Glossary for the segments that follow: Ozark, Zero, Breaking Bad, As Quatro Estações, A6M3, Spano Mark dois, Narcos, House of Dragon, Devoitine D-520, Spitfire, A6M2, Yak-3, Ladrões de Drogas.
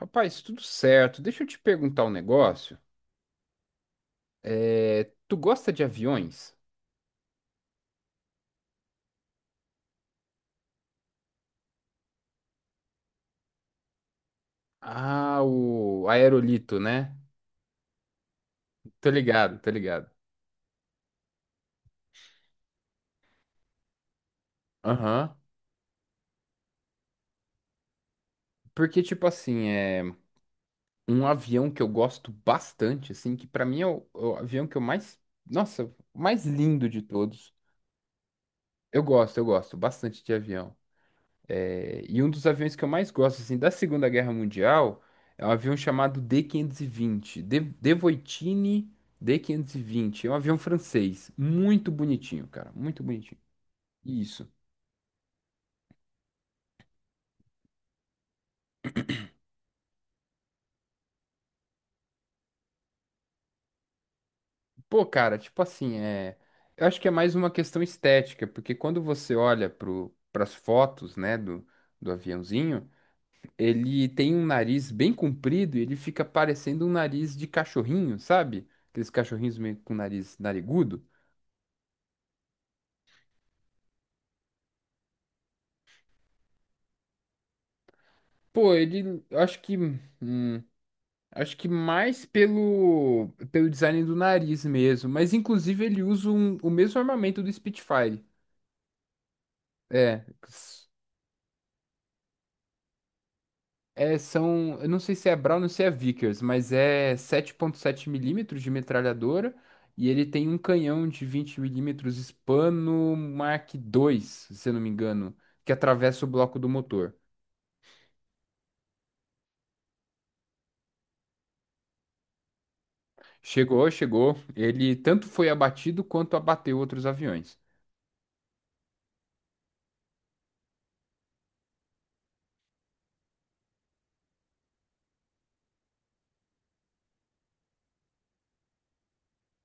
Rapaz, tudo certo. Deixa eu te perguntar um negócio. É, tu gosta de aviões? Ah, o aerolito, né? Tô ligado, tô ligado. Aham. Porque, tipo assim, é um avião que eu gosto bastante, assim, que pra mim é o avião que eu mais. Nossa, o mais lindo de todos. Eu gosto bastante de avião. É, e um dos aviões que eu mais gosto, assim, da Segunda Guerra Mundial é um avião chamado D-520. Devoitine D-520. É um avião francês. Muito bonitinho, cara. Muito bonitinho. Isso. Pô, cara, tipo assim, eu acho que é mais uma questão estética, porque quando você olha pras fotos, né, do aviãozinho, ele tem um nariz bem comprido e ele fica parecendo um nariz de cachorrinho, sabe? Aqueles cachorrinhos meio com nariz narigudo. Pô, eu acho que, hum, acho que mais pelo design do nariz mesmo, mas inclusive ele usa o mesmo armamento do Spitfire. É, s- são, eu não sei se é Brown ou se é Vickers, mas é 7,7 mm de metralhadora e ele tem um canhão de 20 mm Spano Mark dois, se eu não me engano, que atravessa o bloco do motor. Chegou, chegou, ele tanto foi abatido quanto abateu outros aviões.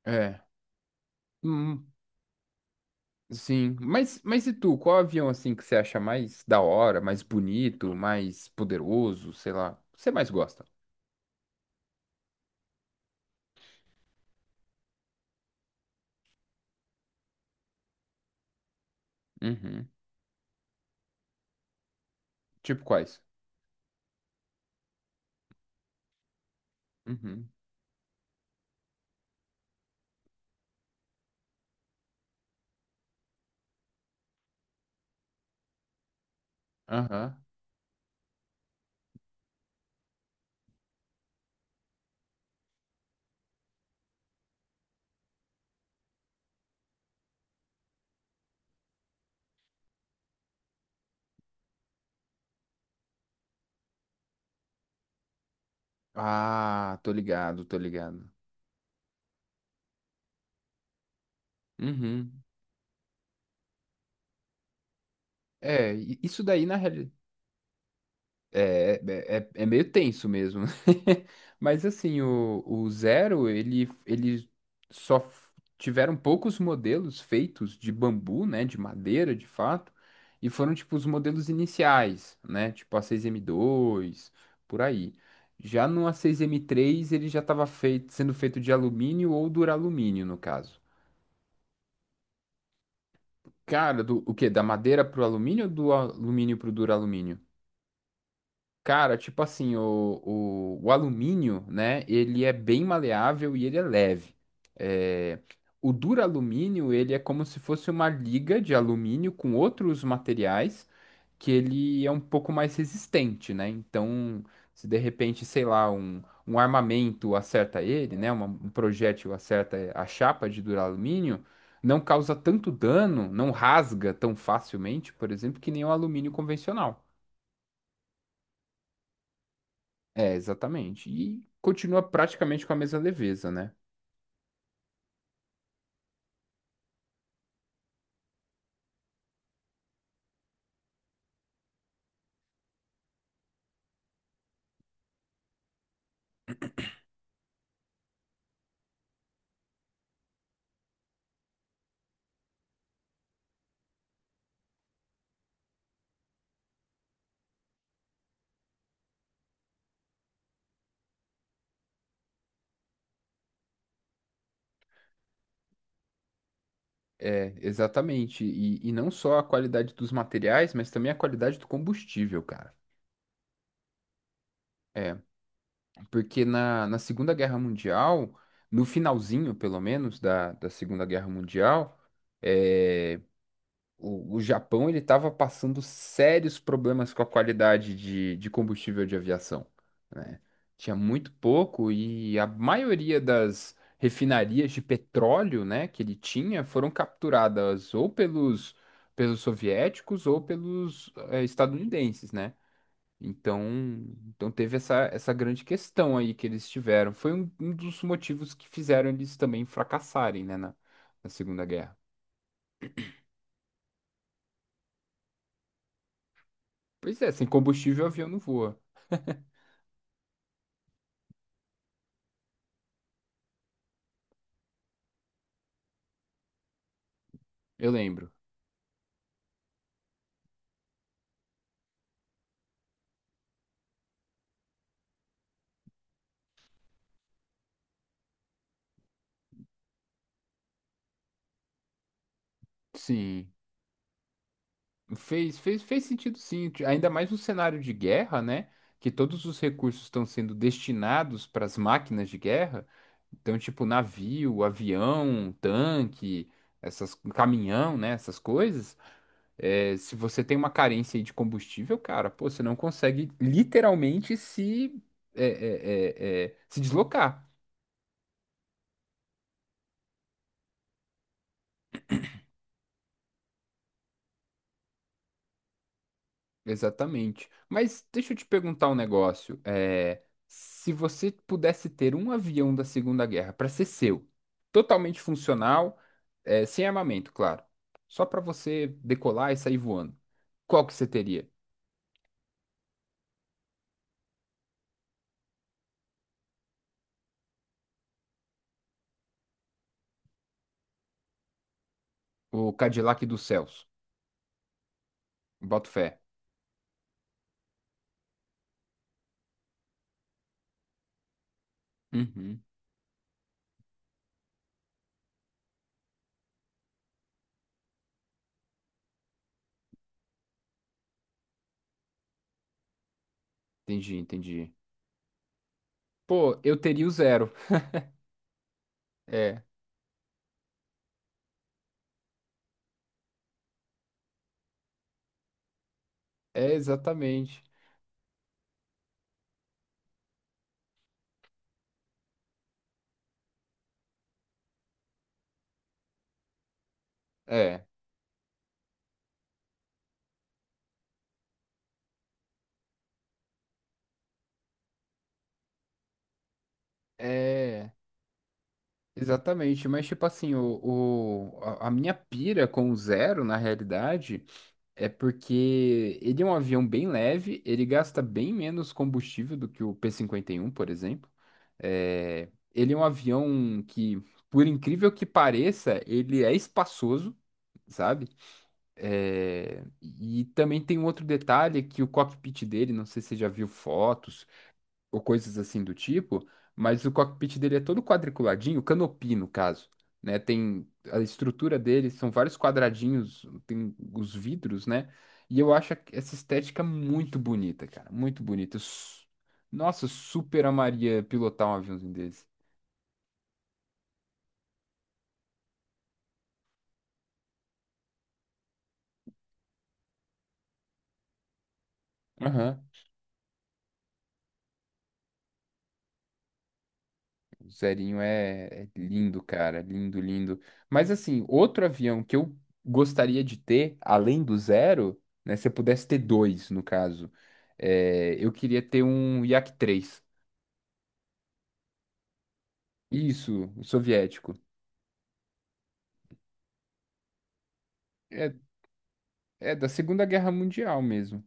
É. Hum, Sim, mas e tu, qual avião assim que você acha mais da hora, mais bonito, mais poderoso, sei lá, que você mais gosta? Uhum. Tipo quais? Uhum. Aham. Ah, tô ligado, tô ligado. Uhum. É, isso daí na realidade. É meio tenso mesmo. Mas assim, o Zero, só f- tiveram poucos modelos feitos de bambu, né? De madeira, de fato. E foram, tipo, os modelos iniciais, né? Tipo a 6M2, por aí. Já no A6M3, ele já estava feito, sendo feito de alumínio ou duralumínio, no caso. Cara, o quê? Da madeira pro alumínio ou do alumínio pro duralumínio? Cara, tipo assim, o alumínio, né, ele é bem maleável e ele é leve. É, o duralumínio, ele é como se fosse uma liga de alumínio com outros materiais que ele é um pouco mais resistente, né? Então, se de repente, sei lá, um armamento acerta ele, né, um projétil acerta a chapa de duralumínio, não causa tanto dano, não rasga tão facilmente, por exemplo, que nem o alumínio convencional. É, exatamente. E continua praticamente com a mesma leveza, né? É, exatamente. E não só a qualidade dos materiais, mas também a qualidade do combustível, cara. É, porque na Segunda Guerra Mundial, no finalzinho, pelo menos, da Segunda Guerra Mundial, eh, o Japão ele estava passando sérios problemas com a qualidade de combustível de aviação, né? Tinha muito pouco e a maioria das refinarias de petróleo, né, que ele tinha foram capturadas ou pelos soviéticos ou pelos estadunidenses, né? Então, então, teve essa grande questão aí que eles tiveram. Foi um dos motivos que fizeram eles também fracassarem, né, na Segunda Guerra. Pois é, sem combustível o avião não voa. Eu lembro. Sim. Fez, fez, fez sentido, sim. Ainda mais no cenário de guerra, né? Que todos os recursos estão sendo destinados para as máquinas de guerra. Então, tipo, navio, avião, tanque, caminhão, né? Essas coisas. É, se você tem uma carência aí de combustível, cara, pô, você não consegue literalmente se, é, é, é, é, se deslocar. Exatamente. Mas deixa eu te perguntar um negócio. É, se você pudesse ter um avião da Segunda Guerra para ser seu, totalmente funcional, sem armamento, claro, só para você decolar e sair voando, qual que você teria? O Cadillac dos céus. Boto fé. Uhum, entendi, entendi. Pô, eu teria o Zero. É, é, exatamente. É, é. Exatamente, mas tipo assim, a minha pira com o Zero, na realidade, é porque ele é um avião bem leve, ele gasta bem menos combustível do que o P-51, por exemplo. É, ele é um avião que, por incrível que pareça, ele é espaçoso, sabe? É, e também tem um outro detalhe que o cockpit dele, não sei se você já viu fotos, ou coisas assim do tipo, mas o cockpit dele é todo quadriculadinho, canopy no caso, né? Tem a estrutura dele, são vários quadradinhos, tem os vidros, né? E eu acho essa estética muito bonita, cara, muito bonita. Nossa, eu super amaria pilotar um aviãozinho desse. O Zerinho é lindo, cara. Lindo, lindo. Mas assim, outro avião que eu gostaria de ter, além do Zero, né? Se eu pudesse ter dois, no caso, eu queria ter um Yak-3. Isso, o soviético. É, é da Segunda Guerra Mundial mesmo.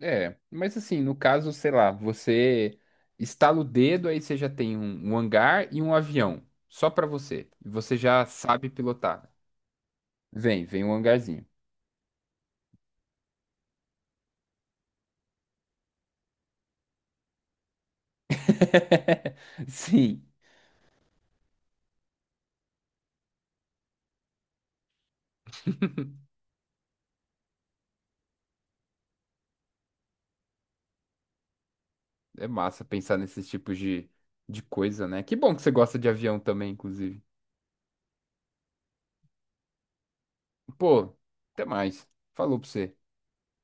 É, mas assim, no caso, sei lá, você estala o dedo, aí você já tem um hangar e um avião, só pra você. E você já sabe pilotar. Vem, vem um hangarzinho. Sim. É massa pensar nesses tipos de coisa, né? Que bom que você gosta de avião também, inclusive. Pô, até mais. Falou pra você.